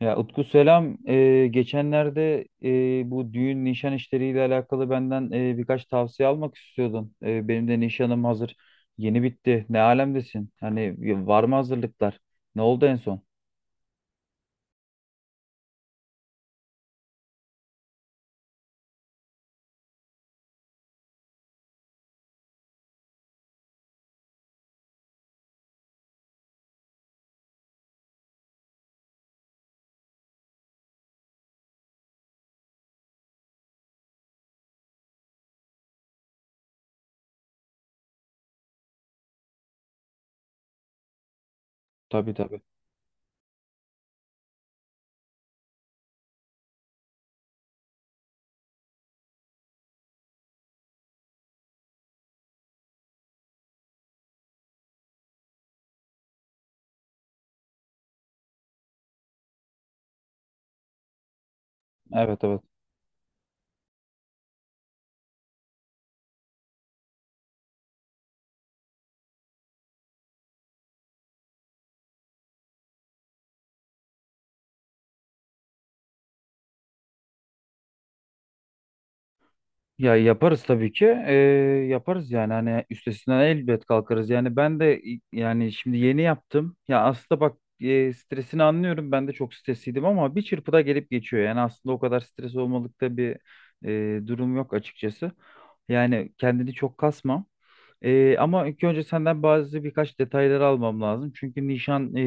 Ya Utku selam. Geçenlerde bu düğün nişan işleriyle alakalı benden birkaç tavsiye almak istiyordun. Benim de nişanım hazır. Yeni bitti. Ne alemdesin? Hani var mı hazırlıklar? Ne oldu en son? Tabii tabii. Evet evet. Ya yaparız tabii ki. Yaparız yani hani üstesinden elbet kalkarız. Yani ben de yani şimdi yeni yaptım. Ya aslında bak, stresini anlıyorum. Ben de çok stresliydim ama bir çırpıda gelip geçiyor. Yani aslında o kadar stres olmalıkta bir durum yok açıkçası. Yani kendini çok kasma. Ama ilk önce senden bazı birkaç detayları almam lazım. Çünkü nişan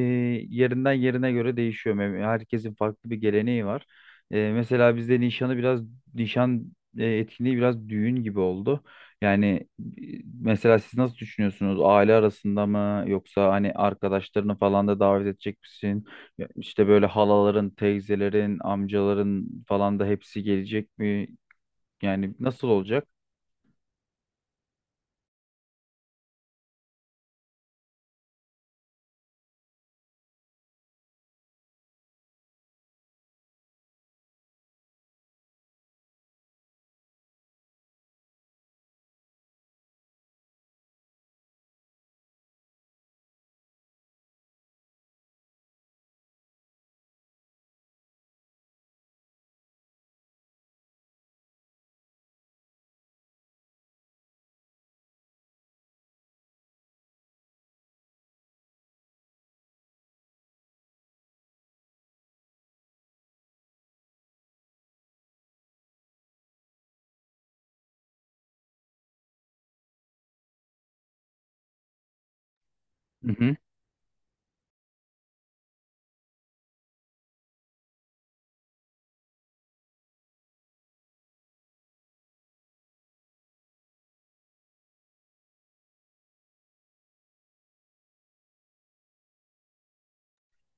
yerinden yerine göre değişiyor. Herkesin farklı bir geleneği var. Mesela bizde nişanı biraz nişan etkinliği biraz düğün gibi oldu. Yani, e, mesela siz nasıl düşünüyorsunuz? Aile arasında mı yoksa hani arkadaşlarını falan da davet edecek misin? Ya İşte böyle halaların, teyzelerin, amcaların falan da hepsi gelecek mi? Yani nasıl olacak? Hı hı.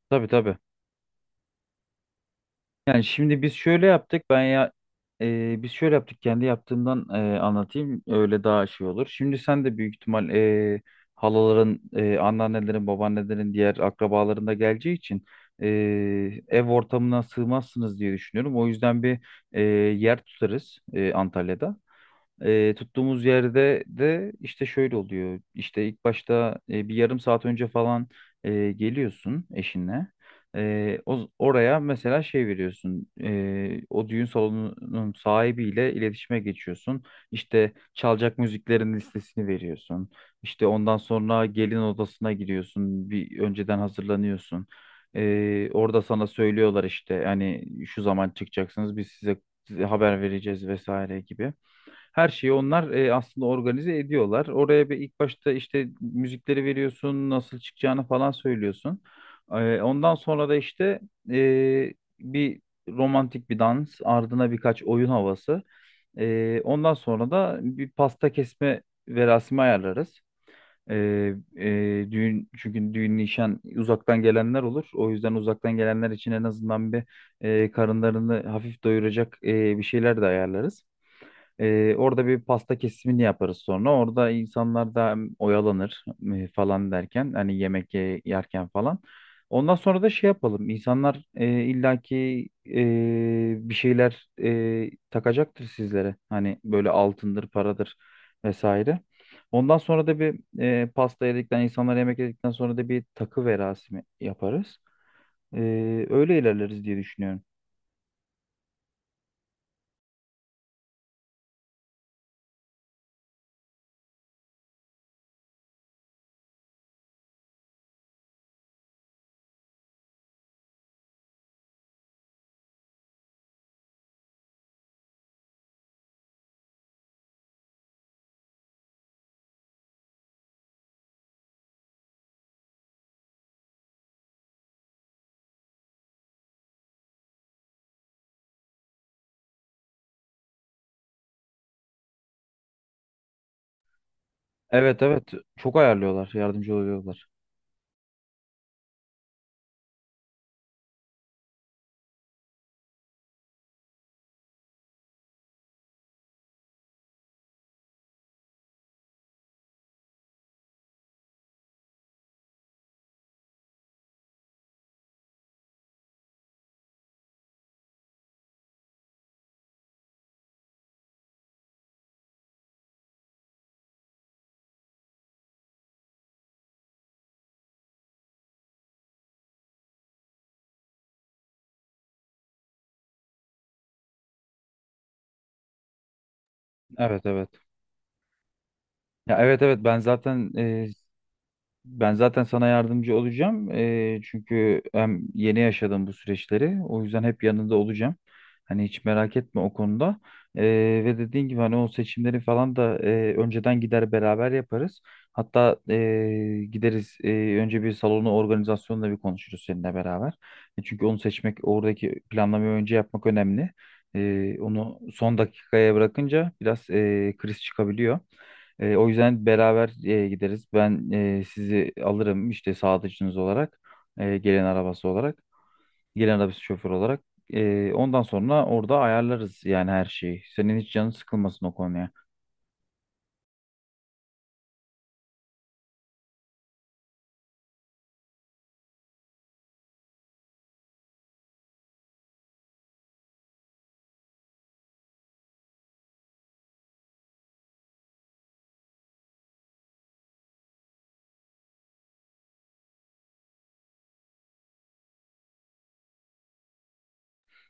Tabii tabii. Yani şimdi biz şöyle yaptık. Ben ya biz şöyle yaptık. Kendi yaptığımdan, anlatayım. Öyle daha şey olur. Şimdi sen de büyük ihtimal halaların, anneannelerin, babaannelerin, diğer akrabaların da geleceği için e, ev ortamına sığmazsınız diye düşünüyorum. O yüzden bir yer tutarız, Antalya'da. Tuttuğumuz yerde de işte şöyle oluyor. İşte ilk başta, bir yarım saat önce falan geliyorsun eşinle. Oraya mesela şey veriyorsun. O düğün salonunun sahibiyle iletişime geçiyorsun. İşte çalacak müziklerin listesini veriyorsun. İşte ondan sonra gelin odasına gidiyorsun. Bir önceden hazırlanıyorsun. Orada sana söylüyorlar, işte hani şu zaman çıkacaksınız, biz size haber vereceğiz vesaire gibi. Her şeyi onlar, aslında organize ediyorlar. Oraya bir ilk başta işte müzikleri veriyorsun, nasıl çıkacağını falan söylüyorsun. Ondan sonra da işte e, bir romantik bir dans, ardına birkaç oyun havası. Ondan sonra da bir pasta kesme verasimi ayarlarız. E, e, düğün çünkü düğün nişan uzaktan gelenler olur. O yüzden uzaktan gelenler için en azından bir karınlarını hafif doyuracak bir şeyler de ayarlarız. Orada bir pasta kesimini yaparız sonra. Orada insanlar da hem oyalanır falan derken hani yemek yerken falan. Ondan sonra da şey yapalım. İnsanlar, illaki bir şeyler takacaktır sizlere. Hani böyle altındır, paradır vesaire. Ondan sonra da bir, pasta yedikten, insanlar yemek yedikten sonra da bir takı verasimi yaparız. E, Öyle ilerleriz diye düşünüyorum. Evet evet, çok ayarlıyorlar, yardımcı oluyorlar. Evet evet. Ya evet evet, ben zaten sana yardımcı olacağım. Çünkü hem yeni yaşadım bu süreçleri. O yüzden hep yanında olacağım. Hani hiç merak etme o konuda. E, Ve dediğin gibi hani o seçimleri falan da, önceden gider beraber yaparız. Hatta gideriz, önce bir salonu organizasyonla bir konuşuruz seninle beraber. Çünkü onu seçmek, oradaki planlamayı önce yapmak önemli. Onu son dakikaya bırakınca biraz kriz çıkabiliyor. O yüzden beraber gideriz. Ben sizi alırım işte sağdıcınız olarak, gelen arabası olarak, gelen arabası şoför olarak. Ondan sonra orada ayarlarız yani her şeyi. Senin hiç canın sıkılmasın o konuya.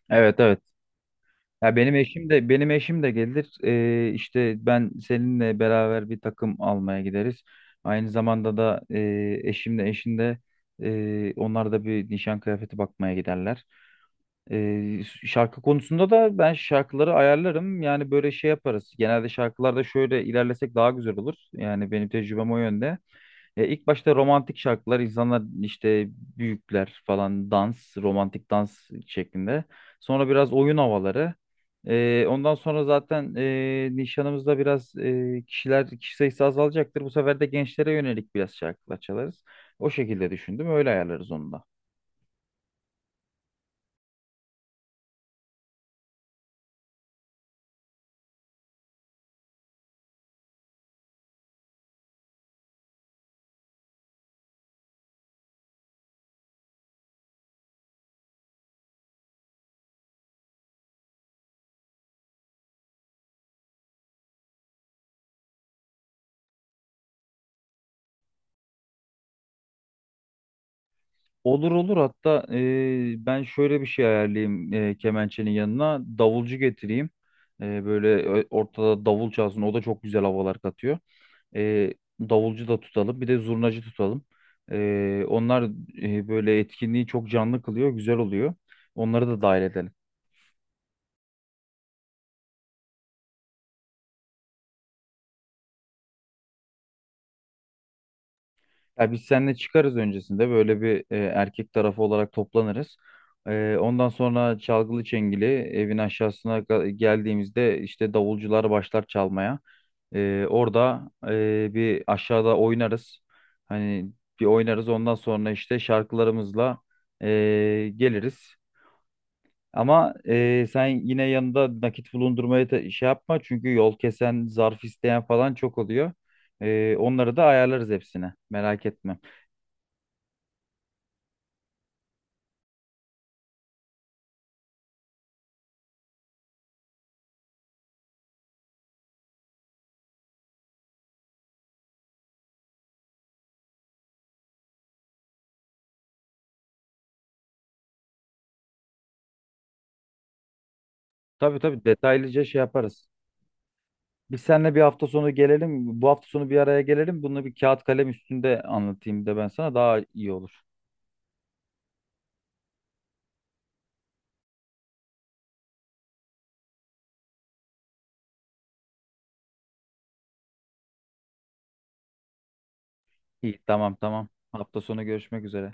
Evet evet. Ya benim eşim de gelir. İşte ben seninle beraber bir takım almaya gideriz. Aynı zamanda da, eşim de eşin de, onlar da bir nişan kıyafeti bakmaya giderler. Ee, Şarkı konusunda da ben şarkıları ayarlarım. Yani böyle şey yaparız. Genelde şarkılarda şöyle ilerlesek daha güzel olur. Yani benim tecrübem o yönde. İlk başta romantik şarkılar, insanlar işte büyükler falan dans, romantik dans şeklinde. Sonra biraz oyun havaları. Ondan sonra zaten nişanımızda biraz, kişi sayısı azalacaktır. Bu sefer de gençlere yönelik biraz şarkılar çalarız. O şekilde düşündüm. Öyle ayarlarız onu da. Olur olur, hatta ben şöyle bir şey ayarlayayım, kemençenin yanına davulcu getireyim. Böyle ortada davul çalsın, o da çok güzel havalar katıyor. Eee, Davulcu da tutalım, bir de zurnacı tutalım. Onlar böyle etkinliği çok canlı kılıyor, güzel oluyor, onları da dahil edelim. Ya biz seninle çıkarız öncesinde, böyle bir erkek tarafı olarak toplanırız. Ondan sonra çalgılı çengeli evin aşağısına geldiğimizde işte davulcular başlar çalmaya. Orada bir aşağıda oynarız. Hani bir oynarız, ondan sonra işte şarkılarımızla geliriz. Ama sen yine yanında nakit bulundurmaya da şey yapma, çünkü yol kesen, zarf isteyen falan çok oluyor. Onları da ayarlarız, hepsine merak etme. Tabii tabii, detaylıca şey yaparız. Biz seninle bir hafta sonu gelelim. Bu hafta sonu bir araya gelelim. Bunu bir kağıt kalem üstünde anlatayım da ben sana, daha iyi olur. İyi, tamam tamam. Hafta sonu görüşmek üzere.